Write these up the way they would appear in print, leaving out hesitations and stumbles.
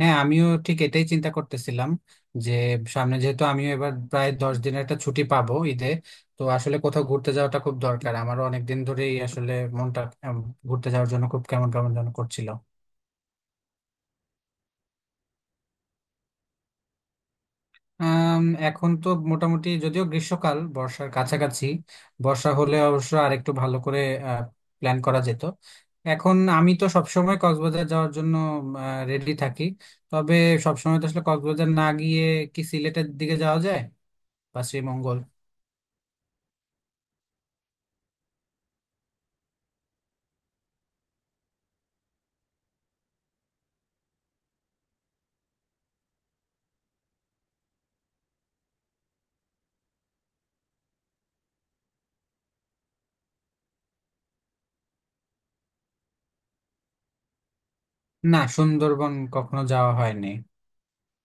হ্যাঁ আমিও ঠিক এটাই চিন্তা করতেছিলাম যে সামনে যেহেতু আমিও এবার প্রায় 10 দিনের একটা ছুটি পাবো ঈদে। তো আসলে কোথাও ঘুরতে যাওয়াটা খুব দরকার, আমারও অনেকদিন ধরেই আসলে মনটা উম, ঘুরতে যাওয়ার জন্য খুব কেমন কেমন যেন করছিল। আম, এখন তো মোটামুটি যদিও গ্রীষ্মকাল, বর্ষার কাছাকাছি। বর্ষা হলে অবশ্য আরেকটু ভালো করে প্ল্যান করা যেত। এখন আমি তো সবসময় কক্সবাজার যাওয়ার জন্য রেডি থাকি, তবে সবসময় তো আসলে কক্সবাজার না গিয়ে কি সিলেটের দিকে যাওয়া যায়, বা শ্রীমঙ্গল। না, সুন্দরবন কখনো যাওয়া হয়নি।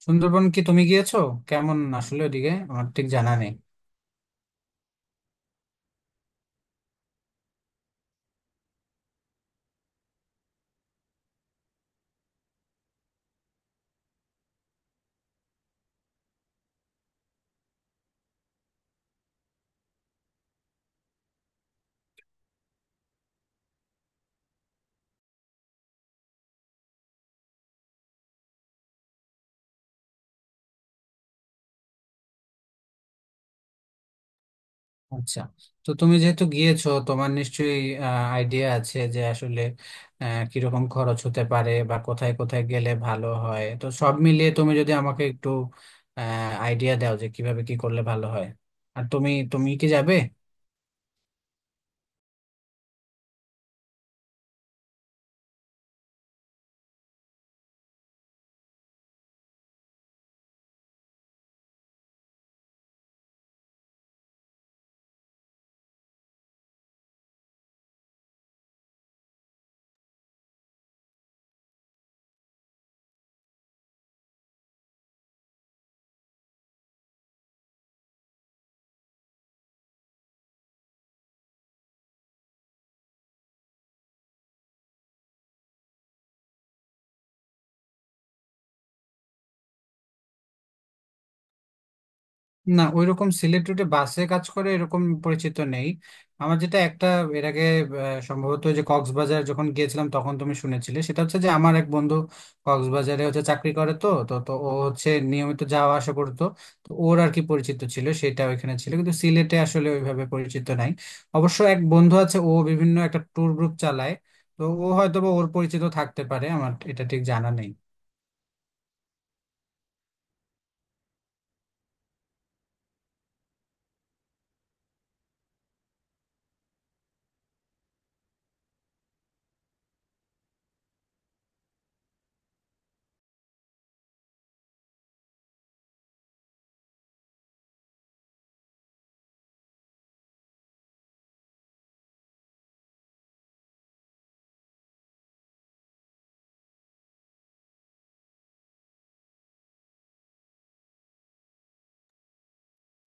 সুন্দরবন কি তুমি গিয়েছো? কেমন আসলে ওদিকে আমার ঠিক জানা নেই। আচ্ছা, তো তুমি যেহেতু গিয়েছো তোমার নিশ্চয়ই আইডিয়া আছে যে আসলে কিরকম খরচ হতে পারে বা কোথায় কোথায় গেলে ভালো হয়, তো সব মিলিয়ে তুমি যদি আমাকে একটু আইডিয়া দাও যে কিভাবে কি করলে ভালো হয়। আর তুমি তুমি কি যাবে? না, ওইরকম সিলেট রুটে বাসে কাজ করে এরকম পরিচিত নেই। আমার যেটা একটা, এর আগে সম্ভবত, যে কক্সবাজার যখন গিয়েছিলাম তখন তুমি শুনেছিলে, সেটা হচ্ছে যে আমার এক বন্ধু কক্সবাজারে হচ্ছে চাকরি করে, তো তো তো ও হচ্ছে নিয়মিত যাওয়া আসা করতো। তো ওর আর কি পরিচিত ছিল সেটা ওইখানে ছিল, কিন্তু সিলেটে আসলে ওইভাবে পরিচিত নাই। অবশ্য এক বন্ধু আছে, ও বিভিন্ন একটা ট্যুর গ্রুপ চালায়, তো ও হয়তো বা ওর পরিচিত থাকতে পারে, আমার এটা ঠিক জানা নেই।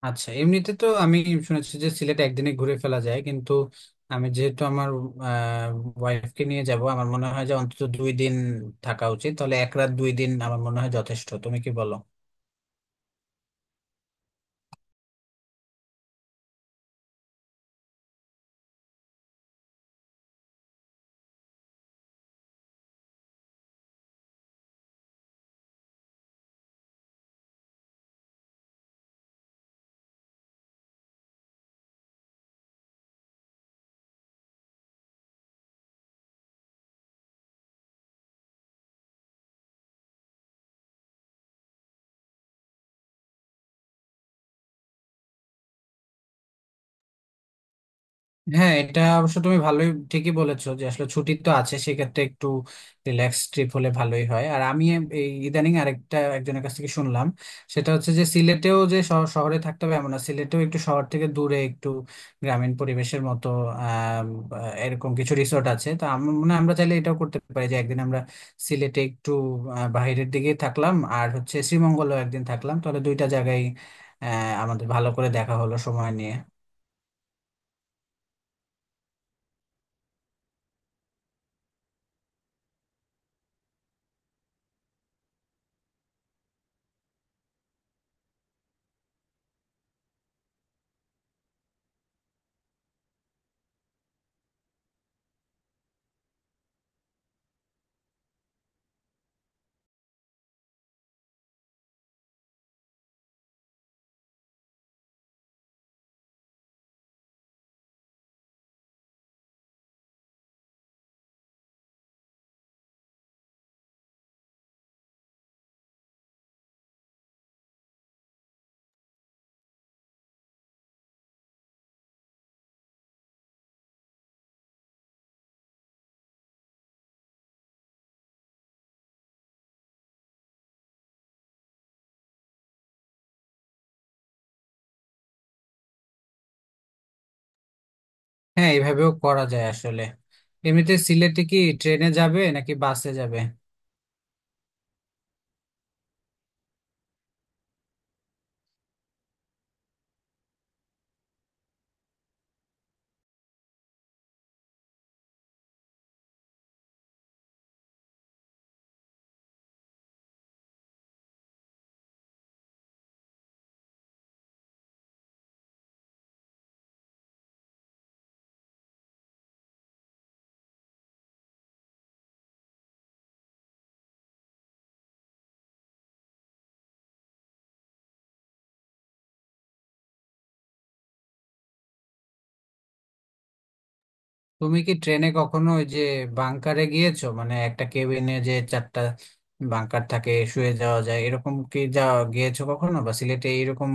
আচ্ছা, এমনিতে তো আমি শুনেছি যে সিলেট একদিনে ঘুরে ফেলা যায়, কিন্তু আমি যেহেতু আমার ওয়াইফকে নিয়ে যাব, আমার মনে হয় যে অন্তত 2 দিন থাকা উচিত। তাহলে 1 রাত 2 দিন আমার মনে হয় যথেষ্ট, তুমি কি বলো? হ্যাঁ, এটা অবশ্য তুমি ভালোই ঠিকই বলেছো যে আসলে ছুটি তো আছে, সেক্ষেত্রে একটু রিল্যাক্স ট্রিপ হলে ভালোই হয়। আর আমি এই ইদানিং আরেকটা একজনের কাছ থেকে শুনলাম, সেটা হচ্ছে যে সিলেটেও যে শহরে থাকতে হবে এমন না, সিলেটেও একটু শহর থেকে দূরে একটু গ্রামীণ পরিবেশের মতো আম, এরকম কিছু রিসোর্ট আছে। তো আমার মনে হয় আমরা চাইলে এটাও করতে পারি যে একদিন আমরা সিলেটে একটু বাইরের দিকে থাকলাম, আর হচ্ছে শ্রীমঙ্গলেও একদিন থাকলাম, তাহলে দুইটা জায়গায় আমাদের ভালো করে দেখা হলো সময় নিয়ে। হ্যাঁ, এইভাবেও করা যায় আসলে। এমনিতে সিলেটে কি ট্রেনে যাবে নাকি বাসে যাবে? তুমি কি ট্রেনে কখনো ওই যে বাংকারে গিয়েছো? মানে একটা কেবিনে যে চারটা বাংকার থাকে, শুয়ে যাওয়া যায়, এরকম কি যাওয়া গিয়েছো কখনো, বা সিলেটে এরকম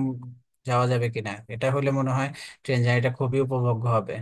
যাওয়া যাবে কিনা? এটা হলে মনে হয় ট্রেন জার্নিটা খুবই উপভোগ্য হবে।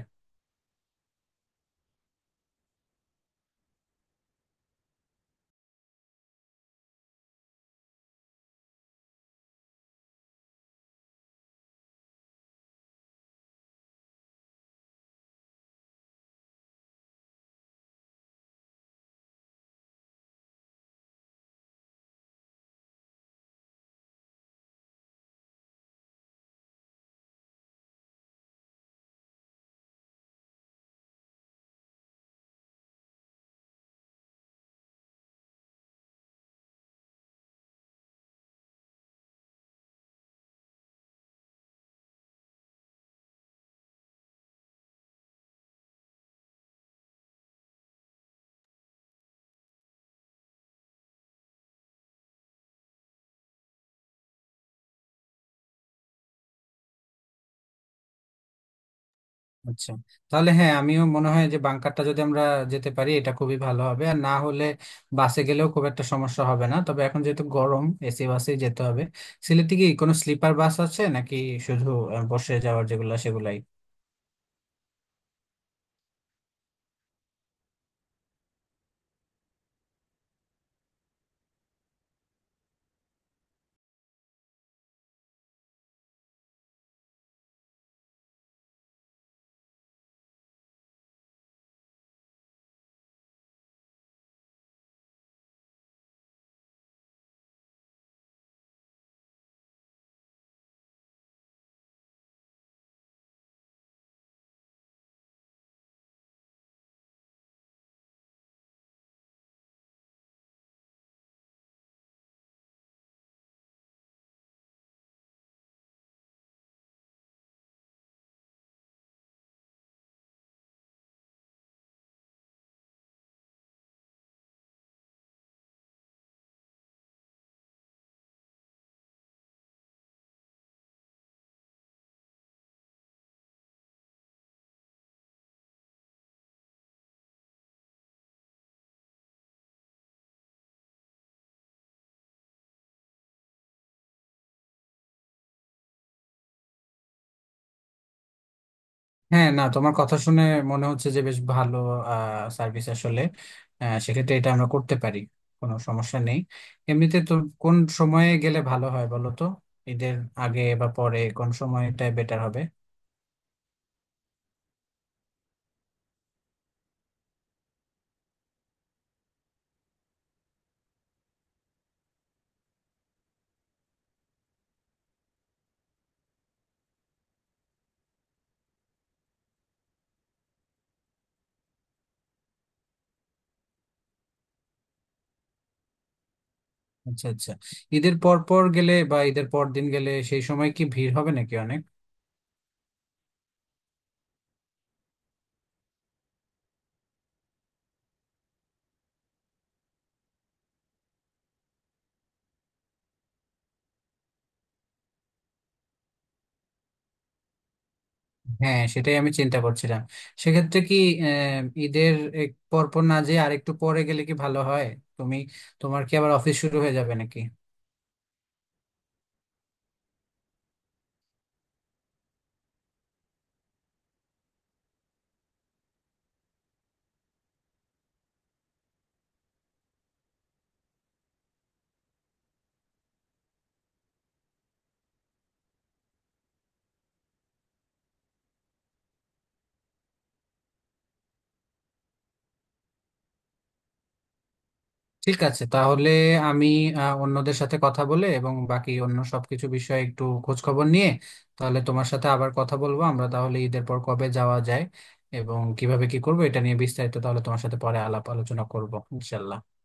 আচ্ছা, তাহলে হ্যাঁ, আমিও মনে হয় যে বাংকারটা যদি আমরা যেতে পারি এটা খুবই ভালো হবে। আর না হলে বাসে গেলেও খুব একটা সমস্যা হবে না, তবে এখন যেহেতু গরম, এসি বাসেই যেতে হবে। সিলেটে কি কোনো স্লিপার বাস আছে, নাকি শুধু বসে যাওয়ার যেগুলো সেগুলাই? হ্যাঁ, না, তোমার কথা শুনে মনে হচ্ছে যে বেশ ভালো সার্ভিস আসলে। সেক্ষেত্রে এটা আমরা করতে পারি, কোনো সমস্যা নেই। এমনিতে তো কোন সময়ে গেলে ভালো হয় বলো তো? ঈদের আগে বা পরে কোন সময়টা বেটার হবে? আচ্ছা, আচ্ছা, ঈদের পর পর গেলে বা ঈদের পর দিন গেলে সেই সময় কি ভিড় হবে নাকি অনেক? হ্যাঁ, সেটাই আমি চিন্তা করছিলাম। সেক্ষেত্রে কি আহ, ঈদের এক পর পর না যেয়ে আরেকটু পরে গেলে কি ভালো হয়? তুমি, তোমার কি আবার অফিস শুরু হয়ে যাবে নাকি? ঠিক আছে, তাহলে আমি অন্যদের সাথে কথা বলে এবং বাকি অন্য সবকিছু বিষয়ে একটু খোঁজ খবর নিয়ে তাহলে তোমার সাথে আবার কথা বলবো, আমরা তাহলে ঈদের পর কবে যাওয়া যায় এবং কিভাবে কি করবো এটা নিয়ে বিস্তারিত তাহলে তোমার সাথে পরে আলাপ আলোচনা করবো ইনশাল্লাহ।